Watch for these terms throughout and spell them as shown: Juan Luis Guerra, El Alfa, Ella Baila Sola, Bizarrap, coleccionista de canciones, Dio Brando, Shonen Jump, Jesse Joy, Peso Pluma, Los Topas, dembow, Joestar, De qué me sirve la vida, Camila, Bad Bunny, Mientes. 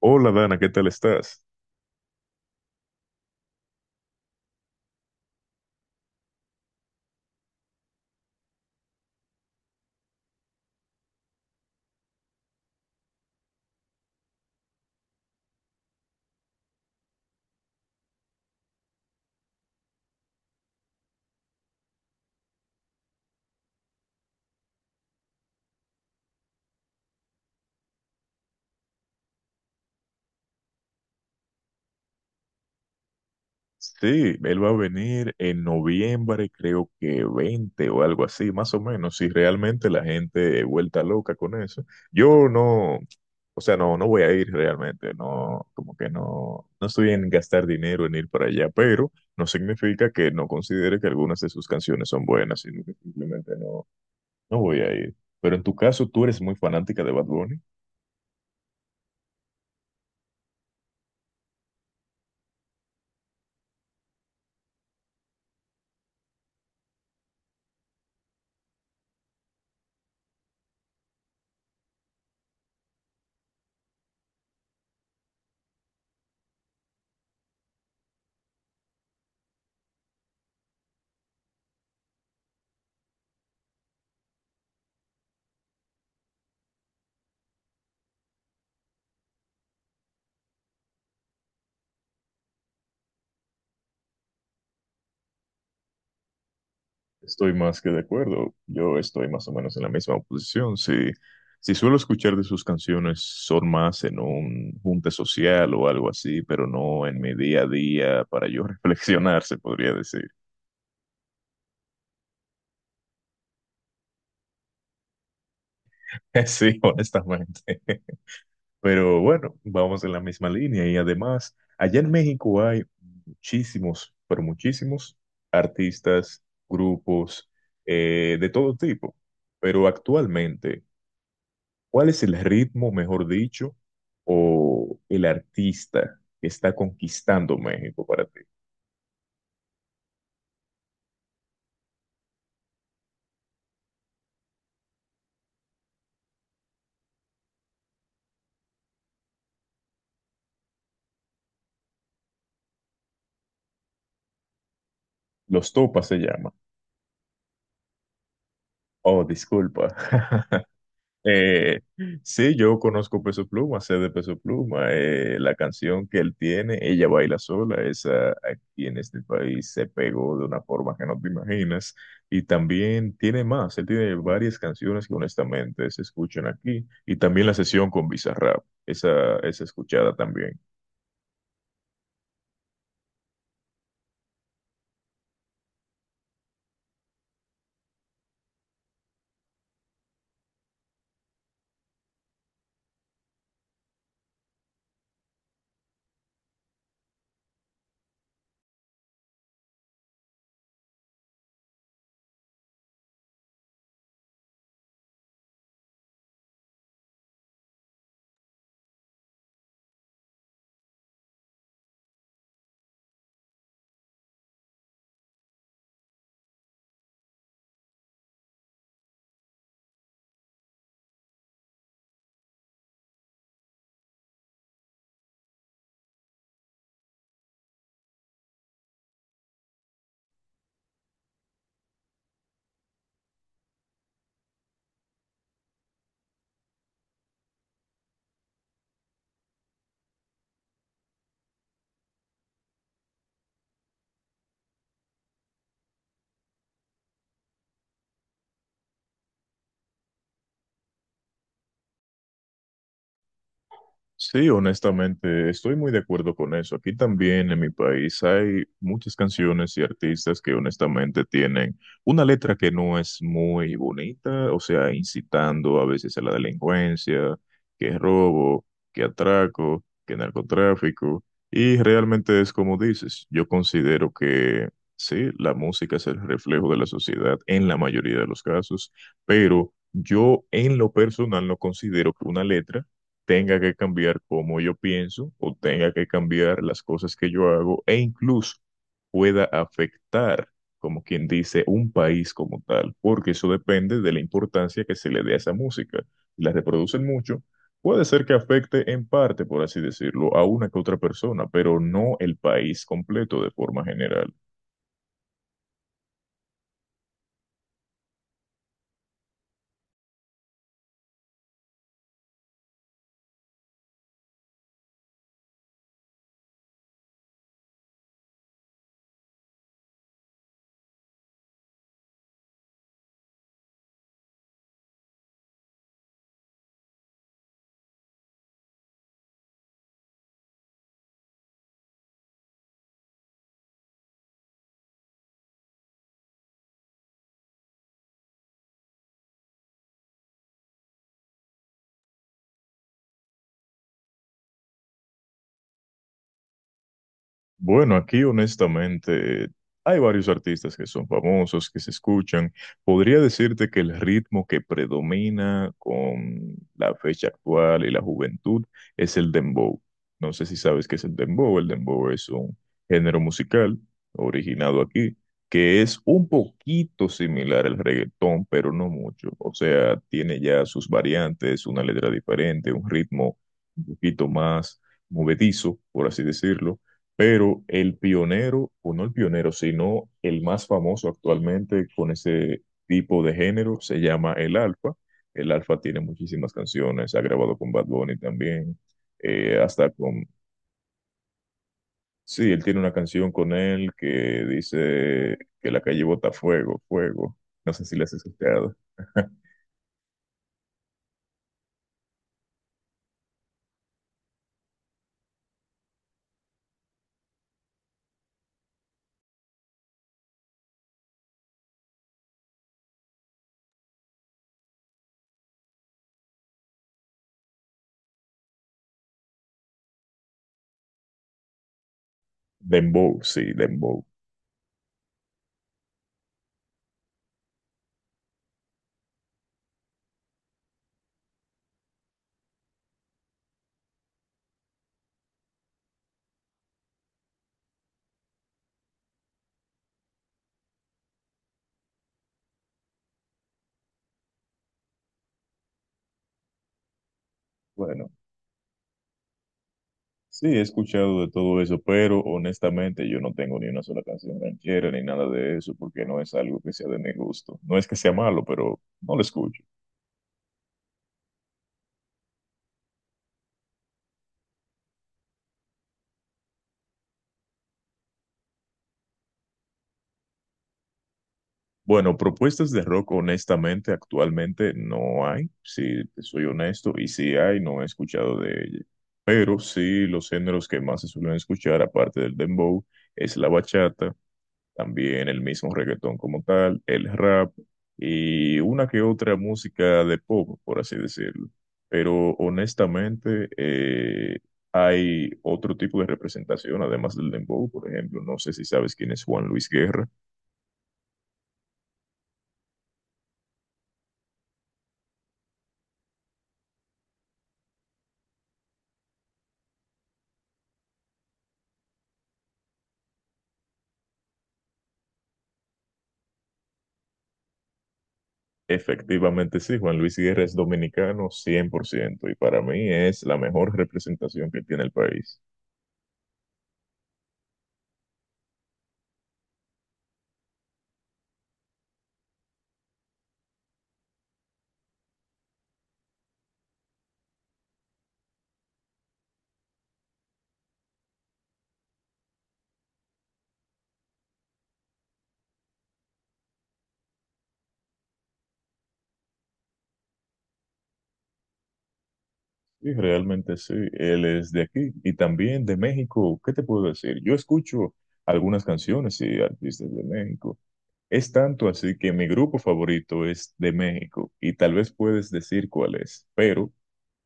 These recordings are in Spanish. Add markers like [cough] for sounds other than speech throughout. Hola Dana, ¿qué tal estás? Sí, él va a venir en noviembre, creo que 20 o algo así, más o menos, si realmente la gente vuelta loca con eso. Yo no, o sea, no, no voy a ir realmente, no, como que no, no estoy en gastar dinero en ir para allá, pero no significa que no considere que algunas de sus canciones son buenas, sino que simplemente no, no voy a ir. Pero en tu caso, ¿tú eres muy fanática de Bad Bunny? Estoy más que de acuerdo. Yo estoy más o menos en la misma posición. Si, si suelo escuchar de sus canciones, son más en un junte social o algo así, pero no en mi día a día para yo [laughs] reflexionar, se podría decir. [laughs] Sí, honestamente. Pero bueno, vamos en la misma línea. Y además, allá en México hay muchísimos, pero muchísimos artistas, grupos, de todo tipo. Pero actualmente... ¿Cuál es el ritmo, mejor dicho, o el artista que está conquistando México para ti? Los Topas se llama. Oh, disculpa. [laughs] Eh, sí, yo conozco Peso Pluma, sé de Peso Pluma. La canción que él tiene, Ella Baila Sola, esa aquí en este país se pegó de una forma que no te imaginas. Y también tiene más, él tiene varias canciones que honestamente se escuchan aquí. Y también la sesión con Bizarrap, esa es escuchada también. Sí, honestamente, estoy muy de acuerdo con eso. Aquí también en mi país hay muchas canciones y artistas que honestamente tienen una letra que no es muy bonita, o sea, incitando a veces a la delincuencia, que es robo, que atraco, que narcotráfico. Y realmente es como dices, yo considero que sí, la música es el reflejo de la sociedad en la mayoría de los casos, pero yo en lo personal no considero que una letra tenga que cambiar cómo yo pienso o tenga que cambiar las cosas que yo hago e incluso pueda afectar, como quien dice, un país como tal, porque eso depende de la importancia que se le dé a esa música. Si la reproducen mucho, puede ser que afecte en parte, por así decirlo, a una que otra persona, pero no el país completo de forma general. Bueno, aquí honestamente hay varios artistas que son famosos, que se escuchan. Podría decirte que el ritmo que predomina con la fecha actual y la juventud es el dembow. No sé si sabes qué es el dembow. El dembow es un género musical originado aquí, que es un poquito similar al reggaetón, pero no mucho. O sea, tiene ya sus variantes, una letra diferente, un ritmo un poquito más movedizo, por así decirlo, pero el pionero, o no el pionero, sino el más famoso actualmente con ese tipo de género, se llama El Alfa. El Alfa tiene muchísimas canciones, ha grabado con Bad Bunny también, hasta con... Sí, él tiene una canción con él que dice que la calle bota fuego, fuego. No sé si la has escuchado. [laughs] Dembow, sí, Dembow. Bueno. Sí, he escuchado de todo eso, pero honestamente yo no tengo ni una sola canción ranchera ni nada de eso, porque no es algo que sea de mi gusto. No es que sea malo, pero no lo escucho. Bueno, propuestas de rock honestamente actualmente no hay, si te soy honesto, y si hay, no he escuchado de ella. Pero sí, los géneros que más se suelen escuchar, aparte del dembow, es la bachata, también el mismo reggaetón como tal, el rap y una que otra música de pop, por así decirlo. Pero honestamente, hay otro tipo de representación, además del dembow, por ejemplo. No sé si sabes quién es Juan Luis Guerra. Efectivamente, sí, Juan Luis Guerra es dominicano 100% y para mí es la mejor representación que tiene el país. Sí, realmente sí, él es de aquí y también de México. ¿Qué te puedo decir? Yo escucho algunas canciones y artistas de México. Es tanto así que mi grupo favorito es de México y tal vez puedes decir cuál es, pero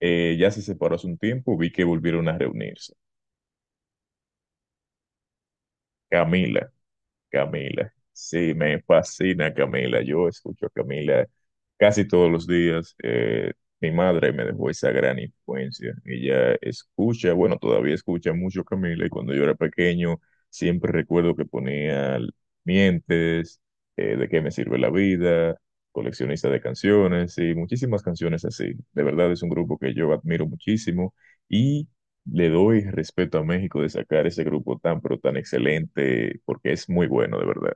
ya se separó hace un tiempo, vi que volvieron a reunirse. Camila. Camila. Sí, me fascina Camila. Yo escucho a Camila casi todos los días. Mi madre me dejó esa gran influencia. Ella escucha, bueno, todavía escucha mucho Camila y cuando yo era pequeño siempre recuerdo que ponía Mientes, De qué me sirve la vida, coleccionista de canciones y muchísimas canciones así. De verdad es un grupo que yo admiro muchísimo. Y le doy respeto a México de sacar ese grupo tan, pero tan excelente, porque es muy bueno, de verdad.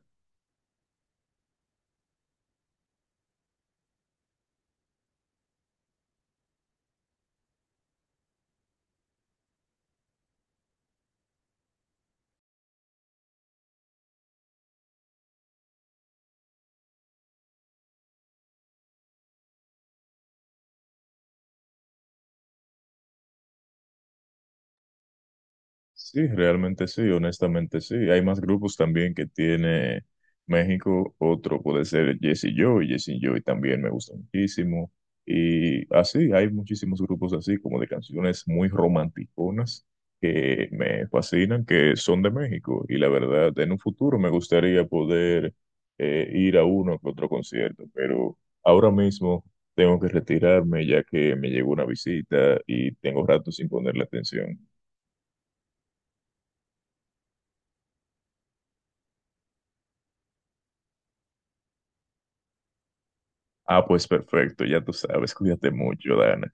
Sí, realmente sí, honestamente sí. Hay más grupos también que tiene México. Otro puede ser Jesse Joy. Jesse Joy también me gusta muchísimo. Y así, hay muchísimos grupos así, como de canciones muy romanticonas que me fascinan, que son de México. Y la verdad, en un futuro me gustaría poder ir a uno que otro concierto, pero ahora mismo tengo que retirarme ya que me llegó una visita y tengo rato sin ponerle atención. Ah, pues perfecto, ya tú sabes, cuídate mucho, Dana.